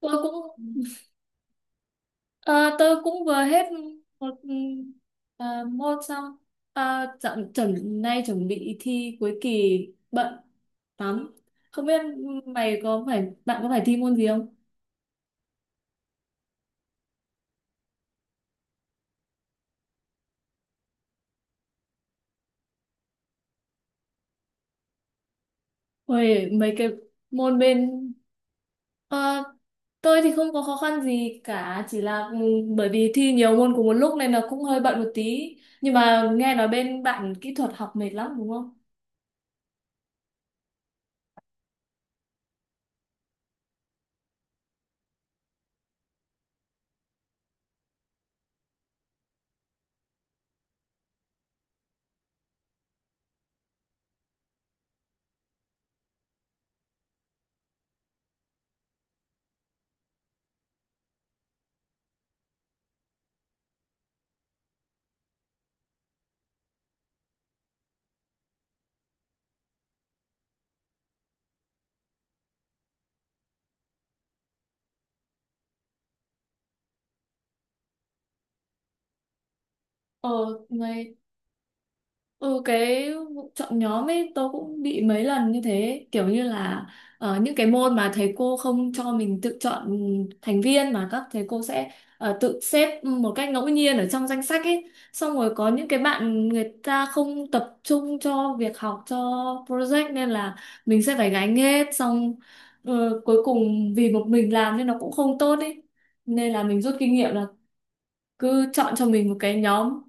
tôi cũng ờ, tôi cũng vừa hết một ờ, môn xong. À, dạo nay chuẩn bị thi cuối kỳ, bận lắm. Không biết mày có phải bạn có phải thi môn gì không? Ôi, mấy cái môn bên. ờ, tôi thì không có khó khăn gì cả, chỉ là bởi vì thi nhiều môn cùng một lúc nên là cũng hơi bận một tí. Nhưng mà nghe nói bên bạn kỹ thuật học mệt lắm, đúng không? Ờ ngày Ừ, cái vụ chọn nhóm ấy tôi cũng bị mấy lần như thế, kiểu như là những cái môn mà thầy cô không cho mình tự chọn thành viên, mà các thầy cô sẽ tự xếp một cách ngẫu nhiên ở trong danh sách ấy, xong rồi có những cái bạn người ta không tập trung cho việc học, cho project, nên là mình sẽ phải gánh hết. Xong cuối cùng vì một mình làm nên nó cũng không tốt ấy, nên là mình rút kinh nghiệm là cứ chọn cho mình một cái nhóm.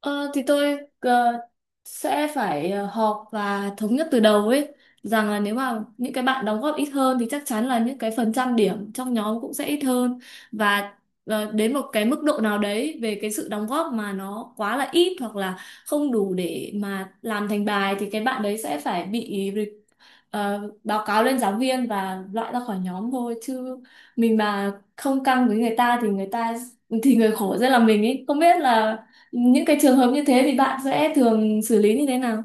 Ờ, thì tôi sẽ phải họp và thống nhất từ đầu ấy, rằng là nếu mà những cái bạn đóng góp ít hơn thì chắc chắn là những cái phần trăm điểm trong nhóm cũng sẽ ít hơn. Và đến một cái mức độ nào đấy về cái sự đóng góp mà nó quá là ít hoặc là không đủ để mà làm thành bài, thì cái bạn đấy sẽ phải bị báo cáo lên giáo viên và loại ra khỏi nhóm thôi. Chứ mình mà không căng với người ta thì người khổ sẽ là mình ấy. Không biết là những cái trường hợp như thế thì bạn sẽ thường xử lý như thế nào?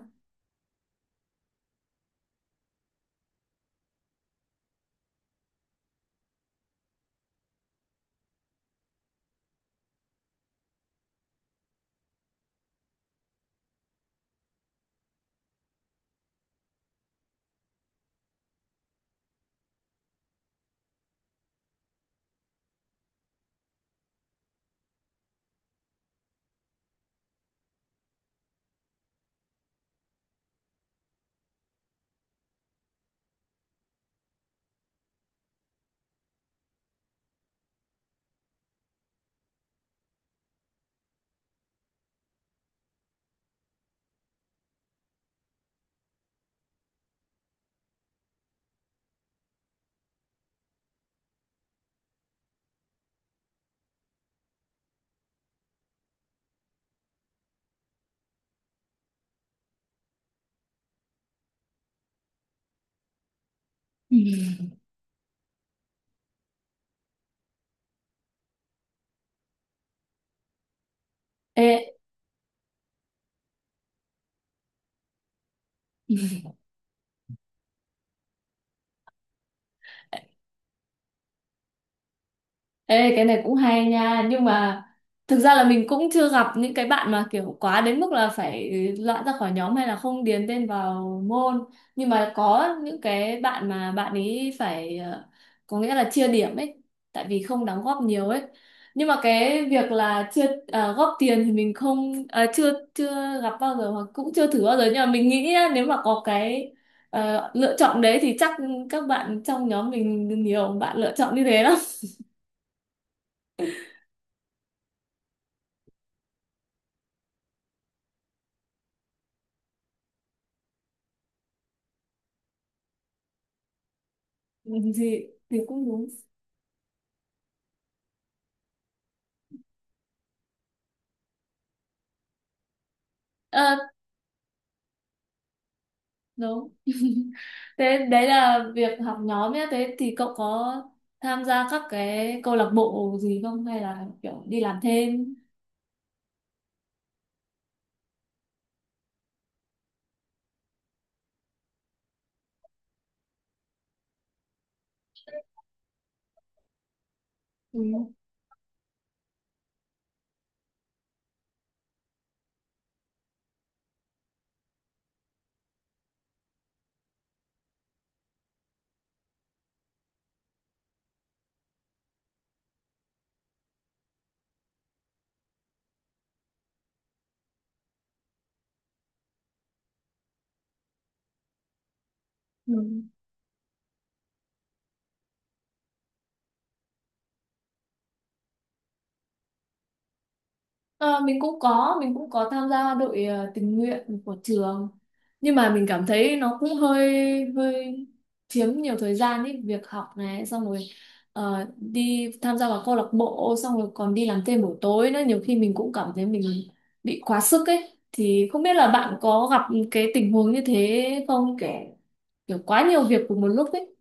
Ừ. Ê, Ê, cái này cũng hay nha. Nhưng mà thực ra là mình cũng chưa gặp những cái bạn mà kiểu quá đến mức là phải loại ra khỏi nhóm hay là không điền tên vào môn. Nhưng mà có những cái bạn mà bạn ấy phải có nghĩa là chia điểm ấy, tại vì không đóng góp nhiều ấy. Nhưng mà cái việc là chưa góp tiền thì mình không ờ, chưa chưa gặp bao giờ hoặc cũng chưa thử bao giờ. Nhưng mà mình nghĩ á, nếu mà có cái lựa chọn đấy thì chắc các bạn trong nhóm mình nhiều bạn lựa chọn như thế lắm. Thì thì cũng đúng. Ờ, đúng. Thế đấy là việc học nhóm nhé, thế thì cậu có tham gia các cái câu lạc bộ gì không hay là kiểu đi làm thêm? Ừ. Ừ. Ờ, mình cũng có tham gia đội tình nguyện của trường, nhưng mà mình cảm thấy nó cũng hơi hơi chiếm nhiều thời gian ấy. Việc học này xong rồi đi tham gia vào câu lạc bộ, xong rồi còn đi làm thêm buổi tối nữa, nhiều khi mình cũng cảm thấy mình bị quá sức ấy. Thì không biết là bạn có gặp cái tình huống như thế không, kể kiểu quá nhiều việc cùng một lúc ấy?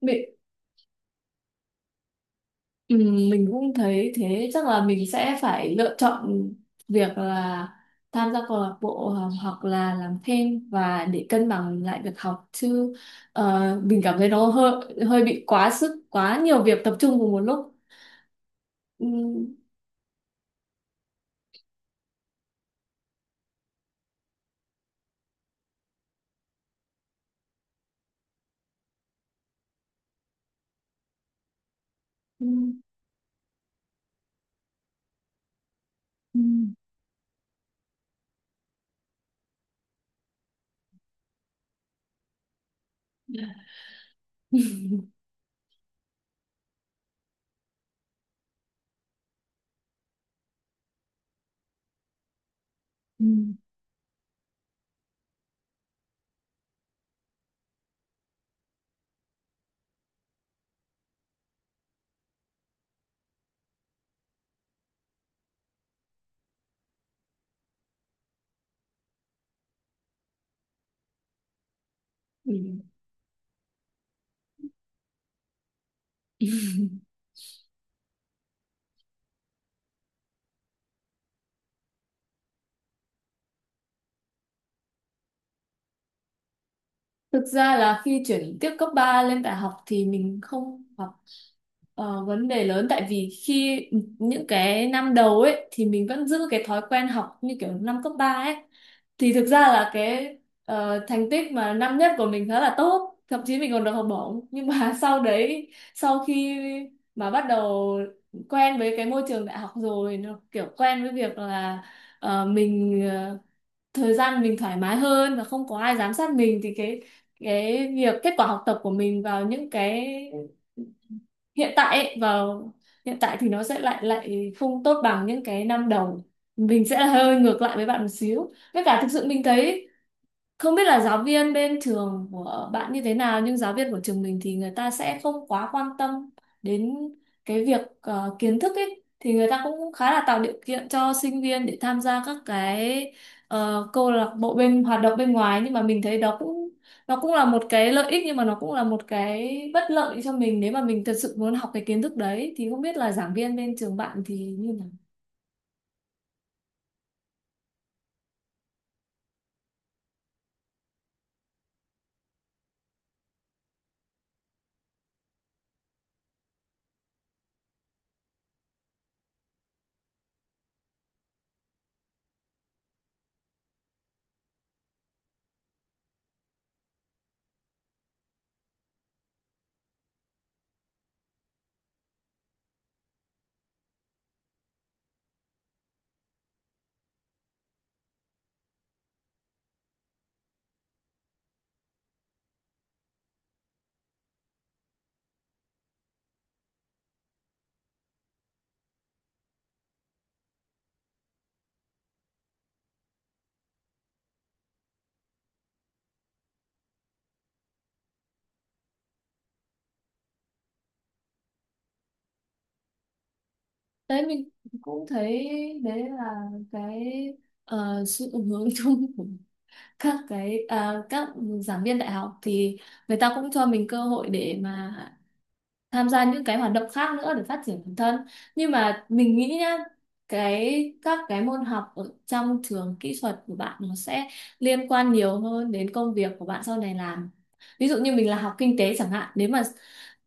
Ừ. Ừ, mình cũng thấy thế, chắc là mình sẽ phải lựa chọn việc là tham gia câu lạc bộ hoặc hoặc là làm thêm và để cân bằng lại việc học chứ mình cảm thấy nó hơi hơi bị quá sức, quá nhiều việc tập trung cùng một lúc. Ừ. Ừ, ừ, ừ. Ừ. Thực ra là khi chuyển tiếp cấp 3 lên đại học thì mình không gặp vấn đề lớn, tại vì khi những cái năm đầu ấy thì mình vẫn giữ cái thói quen học như kiểu năm cấp 3 ấy. Thì thực ra là cái thành tích mà năm nhất của mình khá là tốt, thậm chí mình còn được học bổng. Nhưng mà sau đấy, sau khi mà bắt đầu quen với cái môi trường đại học rồi, nó kiểu quen với việc là mình thời gian mình thoải mái hơn và không có ai giám sát mình, thì cái việc kết quả học tập của mình vào những cái hiện tại ấy, vào hiện tại thì nó sẽ lại lại không tốt bằng những cái năm đầu. Mình sẽ hơi ngược lại với bạn một xíu, với cả thực sự mình thấy không biết là giáo viên bên trường của bạn như thế nào, nhưng giáo viên của trường mình thì người ta sẽ không quá quan tâm đến cái việc kiến thức ấy, thì người ta cũng khá là tạo điều kiện cho sinh viên để tham gia các cái câu lạc bộ bên hoạt động bên ngoài. Nhưng mà mình thấy đó cũng, nó cũng là một cái lợi ích nhưng mà nó cũng là một cái bất lợi cho mình nếu mà mình thật sự muốn học cái kiến thức đấy. Thì không biết là giảng viên bên trường bạn thì như nào? Đấy mình cũng thấy đấy là cái sự hướng chung của các cái các giảng viên đại học thì người ta cũng cho mình cơ hội để mà tham gia những cái hoạt động khác nữa để phát triển bản thân. Nhưng mà mình nghĩ nhá, cái các cái môn học ở trong trường kỹ thuật của bạn nó sẽ liên quan nhiều hơn đến công việc của bạn sau này làm. Ví dụ như mình là học kinh tế chẳng hạn, nếu mà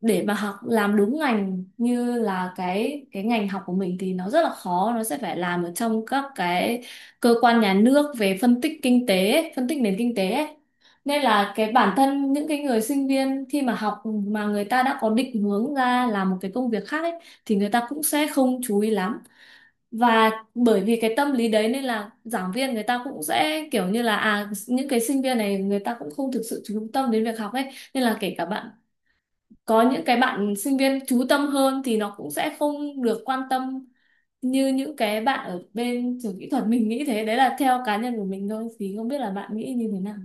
để mà học làm đúng ngành như là cái ngành học của mình thì nó rất là khó, nó sẽ phải làm ở trong các cái cơ quan nhà nước về phân tích kinh tế ấy, phân tích nền kinh tế ấy. Nên là cái bản thân những cái người sinh viên khi mà học mà người ta đã có định hướng ra làm một cái công việc khác ấy thì người ta cũng sẽ không chú ý lắm. Và bởi vì cái tâm lý đấy nên là giảng viên người ta cũng sẽ kiểu như là à những cái sinh viên này người ta cũng không thực sự chú tâm đến việc học ấy, nên là kể cả bạn có những cái bạn sinh viên chú tâm hơn thì nó cũng sẽ không được quan tâm như những cái bạn ở bên trường kỹ thuật. Mình nghĩ thế, đấy là theo cá nhân của mình thôi, thì không biết là bạn nghĩ như thế nào.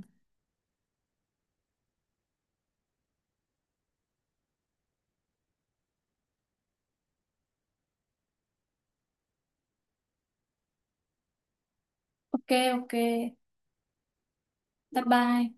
OK, OK. Bye bye.